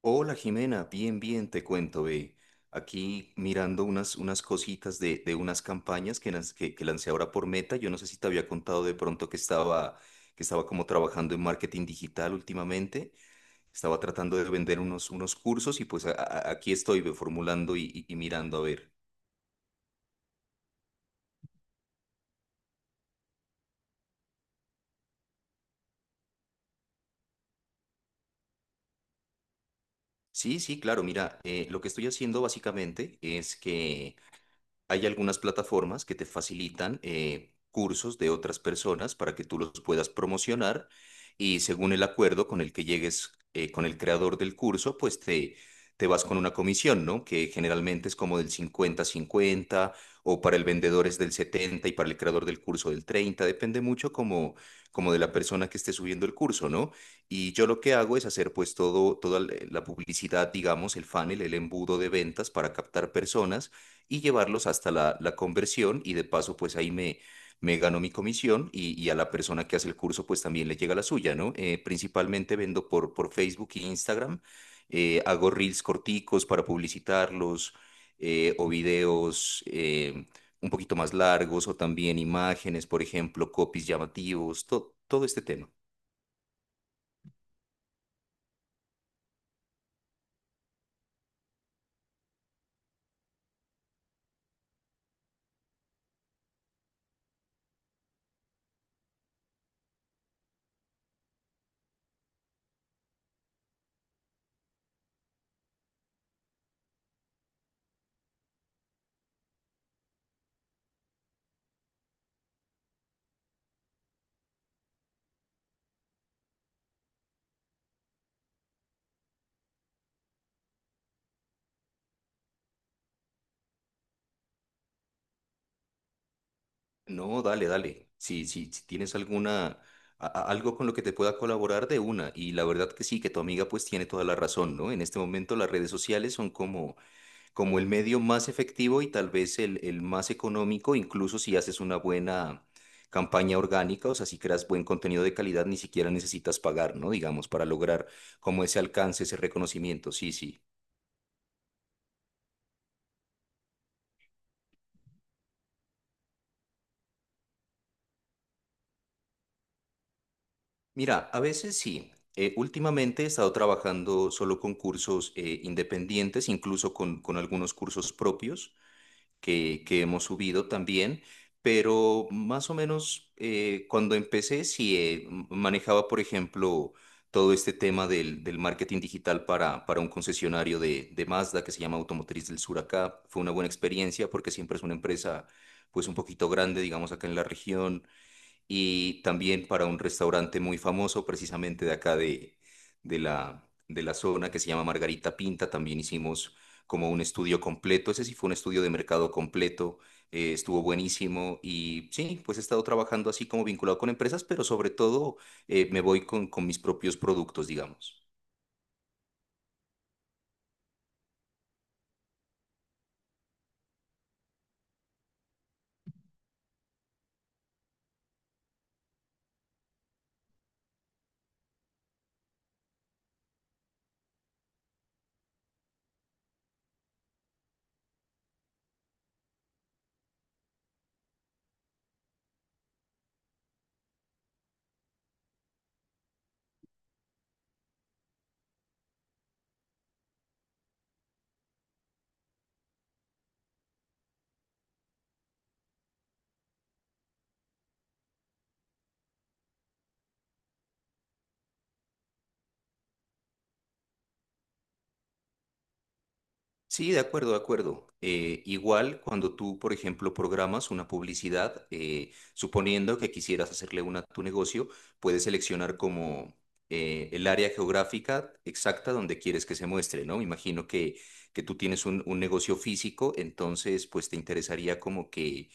Hola Jimena, bien, bien, te cuento, ve. Aquí mirando unas cositas de unas campañas que lancé ahora por Meta. Yo no sé si te había contado de pronto que estaba como trabajando en marketing digital últimamente. Estaba tratando de vender unos cursos y pues aquí estoy ve, formulando y mirando a ver. Sí, sí, claro, mira, lo que estoy haciendo básicamente es que hay algunas plataformas que te facilitan cursos de otras personas para que tú los puedas promocionar, y según el acuerdo con el que llegues con el creador del curso, pues te vas con una comisión, ¿no? Que generalmente es como del 50 cincuenta, o para el vendedor es del 70 y para el creador del curso del treinta, depende mucho como de la persona que esté subiendo el curso, ¿no? Y yo lo que hago es hacer pues todo, toda la publicidad, digamos, el funnel, el embudo de ventas para captar personas y llevarlos hasta la conversión, y de paso pues ahí me gano mi comisión, y a la persona que hace el curso pues también le llega la suya, ¿no? Principalmente vendo por Facebook e Instagram, hago reels corticos para publicitarlos o videos un poquito más largos, o también imágenes, por ejemplo, copies llamativos, todo este tema. No, dale, dale. Si, si, si tienes alguna, algo con lo que te pueda colaborar de una. Y la verdad que sí, que tu amiga pues tiene toda la razón, ¿no? En este momento las redes sociales son como el medio más efectivo, y tal vez el más económico, incluso si haces una buena campaña orgánica, o sea, si creas buen contenido de calidad, ni siquiera necesitas pagar, ¿no? Digamos, para lograr como ese alcance, ese reconocimiento. Sí, sí. Mira, a veces sí. Últimamente he estado trabajando solo con cursos independientes, incluso con algunos cursos propios que hemos subido también, pero más o menos cuando empecé sí manejaba, por ejemplo, todo este tema del marketing digital para un concesionario de Mazda, que se llama Automotriz del Sur acá. Fue una buena experiencia porque siempre es una empresa pues un poquito grande, digamos, acá en la región, y también para un restaurante muy famoso, precisamente de acá de la zona, que se llama Margarita Pinta. También hicimos como un estudio completo. Ese sí fue un estudio de mercado completo. Estuvo buenísimo y sí, pues he estado trabajando así como vinculado con empresas, pero sobre todo me voy con mis propios productos, digamos. Sí, de acuerdo, de acuerdo. Igual cuando tú, por ejemplo, programas una publicidad, suponiendo que quisieras hacerle una a tu negocio, puedes seleccionar como el área geográfica exacta donde quieres que se muestre, ¿no? Me imagino que tú tienes un negocio físico, entonces pues te interesaría como que,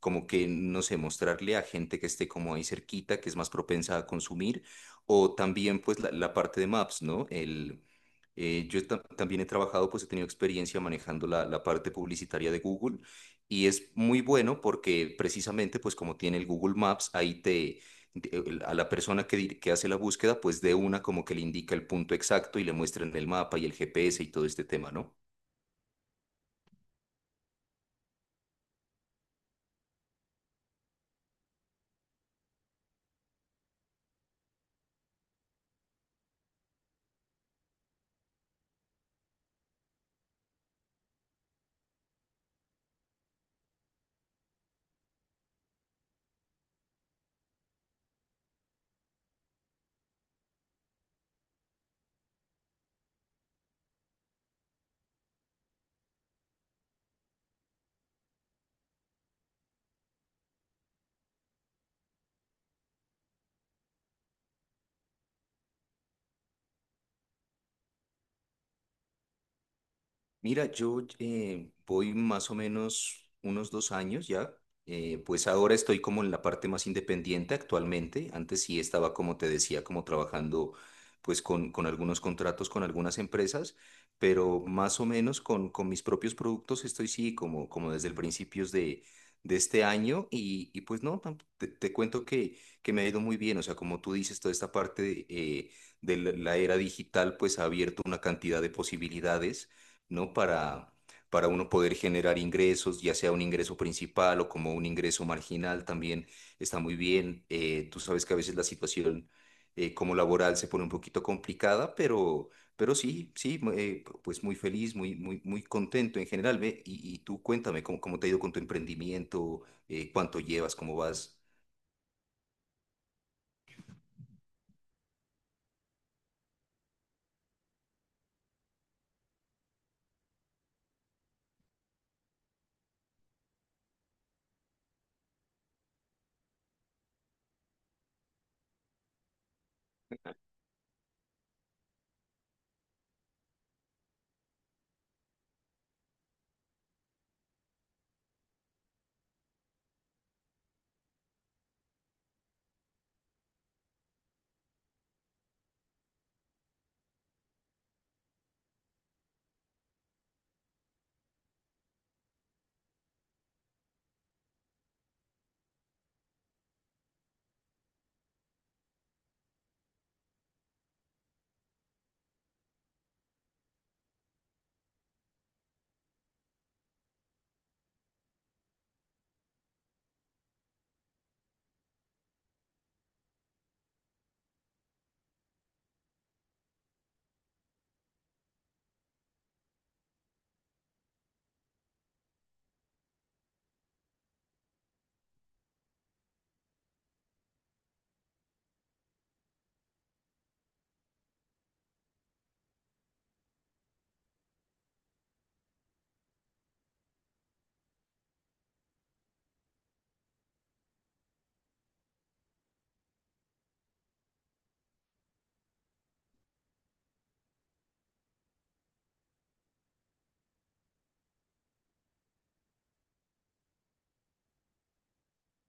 como que, no sé, mostrarle a gente que esté como ahí cerquita, que es más propensa a consumir, o también pues la parte de Maps, ¿no? Yo también he trabajado, pues he tenido experiencia manejando la parte publicitaria de Google, y es muy bueno porque precisamente, pues como tiene el Google Maps, ahí a la persona que hace la búsqueda, pues de una como que le indica el punto exacto y le muestra en el mapa y el GPS y todo este tema, ¿no? Mira, yo voy más o menos unos 2 años ya, pues ahora estoy como en la parte más independiente actualmente. Antes sí estaba, como te decía, como trabajando pues con algunos contratos con algunas empresas, pero más o menos con mis propios productos estoy sí como desde el principios de este año, y pues no, te cuento que me ha ido muy bien. O sea, como tú dices, toda esta parte de la era digital pues ha abierto una cantidad de posibilidades, ¿no? Para uno poder generar ingresos, ya sea un ingreso principal o como un ingreso marginal, también está muy bien. Tú sabes que a veces la situación como laboral se pone un poquito complicada, pero, sí, sí, pues muy feliz, muy, muy, muy contento en general. Ve, y tú cuéntame cómo te ha ido con tu emprendimiento, cuánto llevas, cómo vas.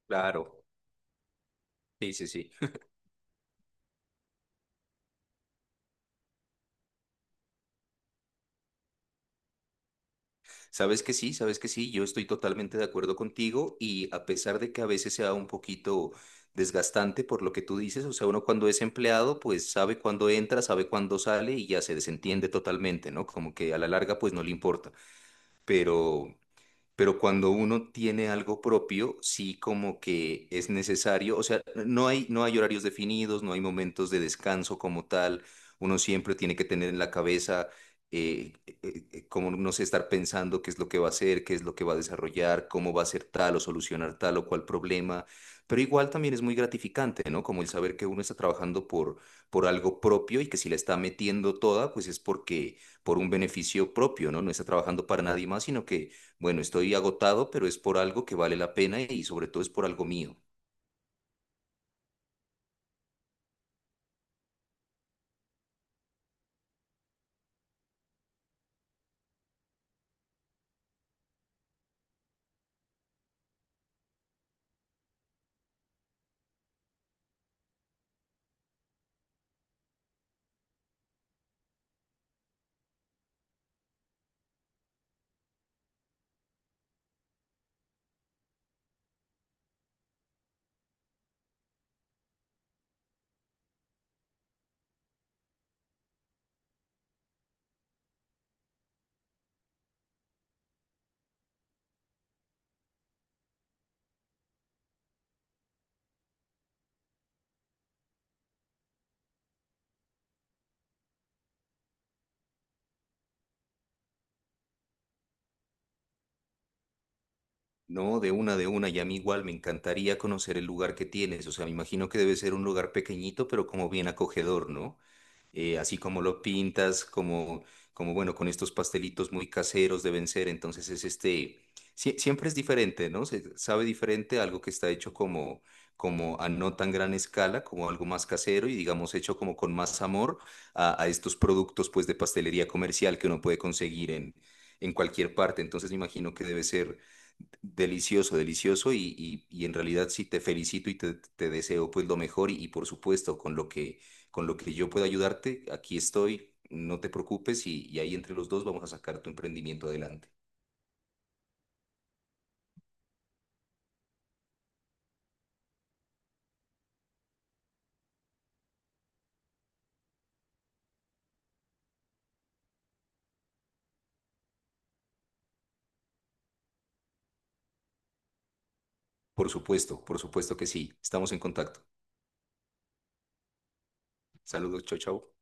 Claro, sí, sí, sí. Sabes que sí, sabes que sí, yo estoy totalmente de acuerdo contigo, y a pesar de que a veces sea un poquito desgastante por lo que tú dices, o sea, uno cuando es empleado, pues sabe cuándo entra, sabe cuándo sale y ya se desentiende totalmente, ¿no? Como que a la larga, pues no le importa. Pero pero cuando uno tiene algo propio, sí como que es necesario, o sea, no hay horarios definidos, no hay momentos de descanso como tal, uno siempre tiene que tener en la cabeza, como no sé, estar pensando qué es lo que va a hacer, qué es lo que va a desarrollar, cómo va a ser tal o solucionar tal o cual problema, pero igual también es muy gratificante, ¿no? Como el saber que uno está trabajando por algo propio, y que si la está metiendo toda, pues es porque, por un beneficio propio, ¿no? No está trabajando para nadie más, sino que bueno, estoy agotado, pero es por algo que vale la pena, y sobre todo es por algo mío. No, de una, y a mí igual me encantaría conocer el lugar que tienes. O sea, me imagino que debe ser un lugar pequeñito, pero como bien acogedor, ¿no? Así como lo pintas, como bueno, con estos pastelitos muy caseros deben ser, entonces es este, siempre es diferente, ¿no? Se sabe diferente algo que está hecho como a no tan gran escala, como algo más casero y digamos hecho como con más amor a estos productos, pues de pastelería comercial que uno puede conseguir en cualquier parte, entonces me imagino que debe ser delicioso, delicioso, y en realidad sí te felicito, y te deseo pues lo mejor, y por supuesto con lo que yo pueda ayudarte, aquí estoy, no te preocupes, y ahí entre los dos vamos a sacar tu emprendimiento adelante. Por supuesto que sí, estamos en contacto. Saludos, chao, chao.